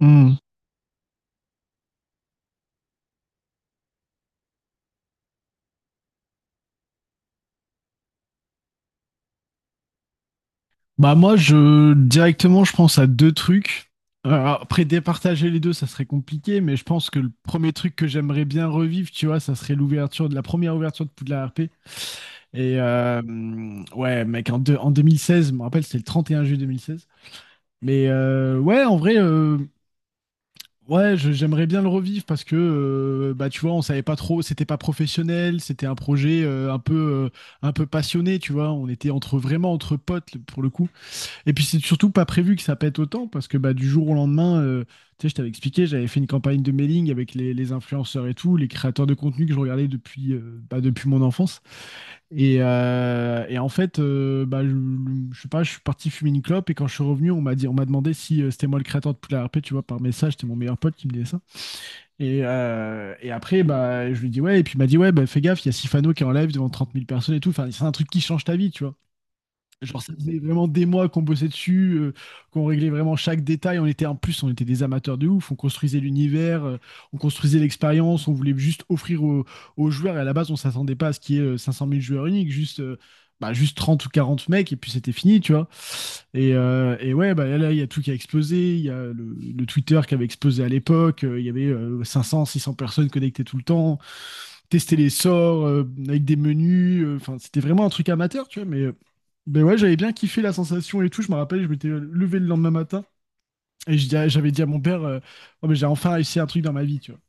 Hmm. Bah moi je directement je pense à deux trucs. Euh, Après départager les deux ça serait compliqué, mais je pense que le premier truc que j'aimerais bien revivre, tu vois, ça serait l'ouverture de la première ouverture de Poudlard RP. Et ouais mec, en 2016, je me rappelle, c'était le 31 juillet 2016. Mais ouais, en vrai, ouais, j'aimerais bien le revivre parce que bah tu vois, on savait pas trop, c'était pas professionnel, c'était un projet un peu passionné, tu vois. On était entre vraiment entre potes pour le coup. Et puis c'est surtout pas prévu que ça pète autant, parce que bah, du jour au lendemain, tu sais, je t'avais expliqué, j'avais fait une campagne de mailing avec les influenceurs et tout, les créateurs de contenu que je regardais depuis mon enfance. Et en fait, je sais pas, je suis parti fumer une clope et quand je suis revenu, on m'a dit, on m'a demandé si c'était moi le créateur de Poudlard RP, tu vois, par message, c'était mon meilleur pote qui me disait ça. Et après, bah, je lui dis ouais, et puis il m'a dit ouais, bah, fais gaffe, il y a Sifano qui est en live devant 30 000 personnes et tout. Enfin, c'est un truc qui change ta vie, tu vois. Genre, ça faisait vraiment des mois qu'on bossait dessus, qu'on réglait vraiment chaque détail. On était en plus, on était des amateurs de ouf. On construisait l'univers, on construisait l'expérience. On voulait juste offrir aux joueurs. Et à la base, on s'attendait pas à ce qu'il y ait 500 000 joueurs uniques, juste 30 ou 40 mecs, et puis c'était fini, tu vois. Et ouais, bah là, il y a tout qui a explosé. Il y a le Twitter qui avait explosé à l'époque. Il y avait 500, 600 personnes connectées tout le temps tester les sorts avec des menus. Enfin, c'était vraiment un truc amateur, tu vois. Mais, ben ouais, j'avais bien kiffé la sensation et tout. Je me rappelle, je m'étais levé le lendemain matin et j'avais dit à mon père, Oh, mais j'ai enfin réussi un truc dans ma vie, tu vois.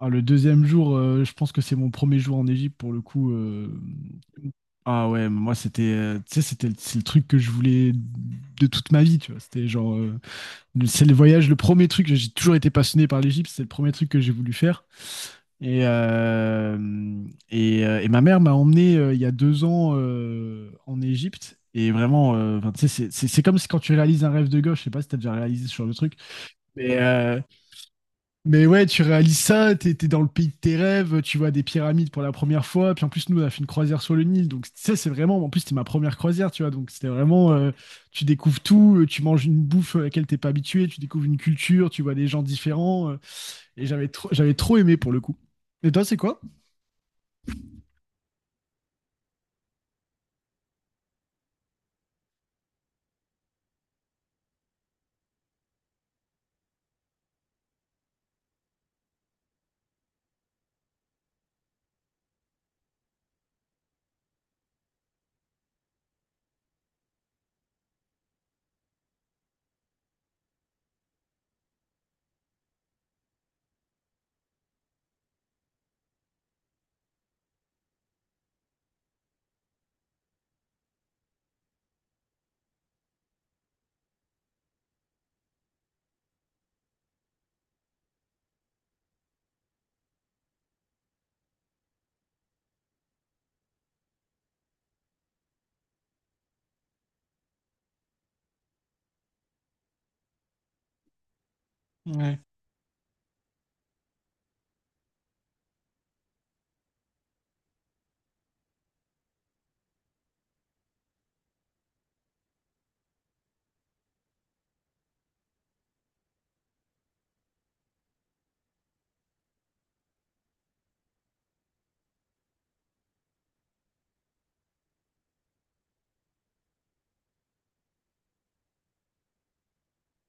Alors, le deuxième jour, je pense que c'est mon premier jour en Égypte pour le coup. Ah ouais, moi c'était, tu sais, c'est le truc que je voulais de toute ma vie, tu vois. C'était genre, c'est le voyage, le premier truc. J'ai toujours été passionné par l'Égypte, c'est le premier truc que j'ai voulu faire. Et, euh, et ma mère m'a emmené il y a deux ans en Égypte. Et vraiment, enfin, tu sais, c'est comme si quand tu réalises un rêve de gauche, je sais pas si t'as déjà réalisé ce genre de truc, mais, euh, mais ouais, tu réalises ça, t'es dans le pays de tes rêves, tu vois des pyramides pour la première fois, puis en plus, nous, on a fait une croisière sur le Nil, donc tu sais, c'est vraiment, en plus, c'était ma première croisière, tu vois, donc c'était vraiment, tu découvres tout, tu manges une bouffe à laquelle t'es pas habitué, tu découvres une culture, tu vois des gens différents, et j'avais trop aimé pour le coup. Et toi, c'est quoi?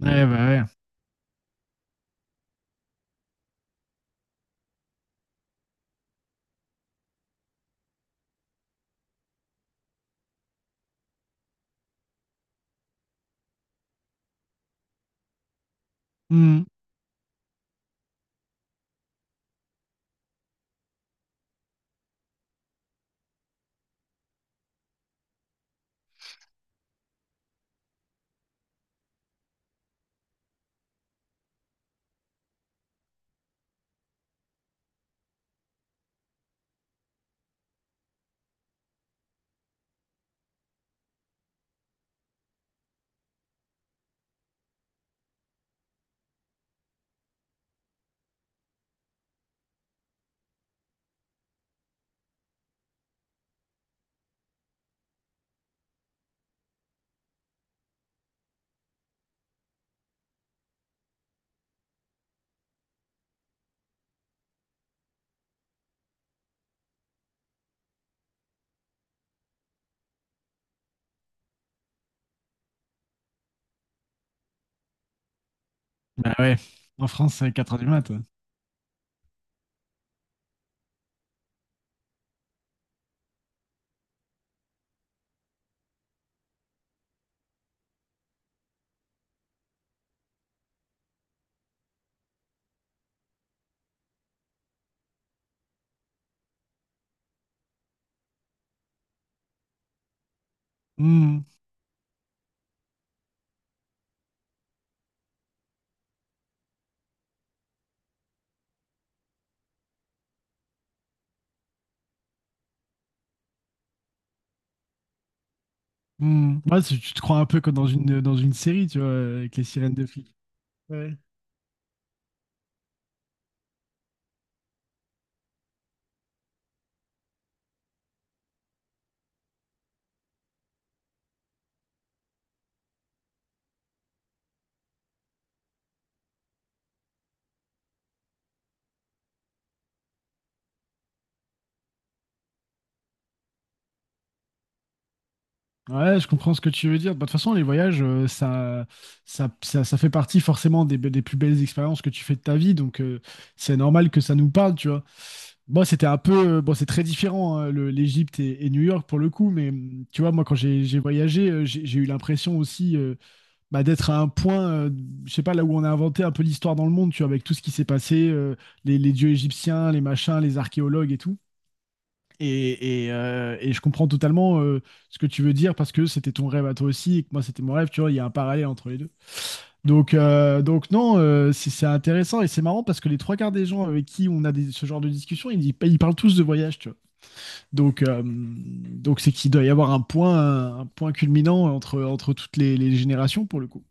Ouais, bah ouais. Hmm. Bah ouais. En France, c'est quatre heures du mat. Ouais. Hmm. Hmm. Ouais, tu te crois un peu comme dans une série, tu vois, avec les sirènes de flics. Ouais. Ouais, je comprends ce que tu veux dire. Bah, de toute façon, les voyages, ça fait partie forcément des plus belles expériences que tu fais de ta vie. Donc, c'est normal que ça nous parle, tu vois. Moi, c'était un peu. Bon, c'est très différent, hein, l'Égypte et New York pour le coup. Mais tu vois, moi, quand j'ai voyagé, j'ai eu l'impression aussi. Bah, d'être à un point, je sais pas, là où on a inventé un peu l'histoire dans le monde, tu vois, avec tout ce qui s'est passé, les dieux égyptiens, les machins, les archéologues et tout. Et je comprends totalement ce que tu veux dire parce que c'était ton rêve à toi aussi et que moi c'était mon rêve, tu vois, il y a un parallèle entre les deux. Donc non, c'est intéressant et c'est marrant parce que les trois quarts des gens avec qui on a ce genre de discussion, ils parlent tous de voyage, tu vois. Donc c'est qu'il doit y avoir un point culminant entre toutes les générations pour le coup.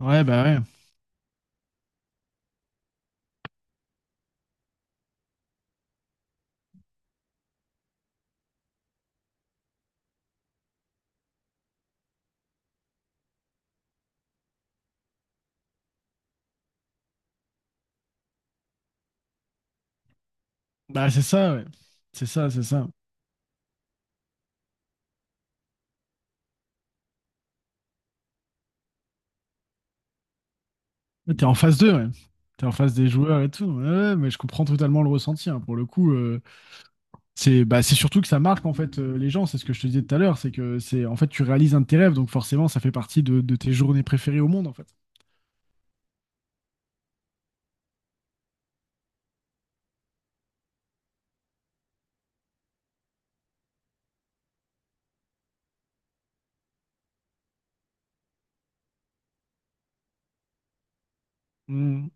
Ouais. Bah, c'est ça, ouais. C'est ça, c'est ça. Ouais, t'es en face d'eux, ouais. T'es en face des joueurs et tout. Ouais, ouais, mais je comprends totalement le ressenti, hein. Pour le coup, c'est surtout que ça marque en fait les gens. C'est ce que je te disais tout à l'heure. C'est que c'est en fait tu réalises un de tes rêves, donc forcément ça fait partie de tes journées préférées au monde en fait. Mm.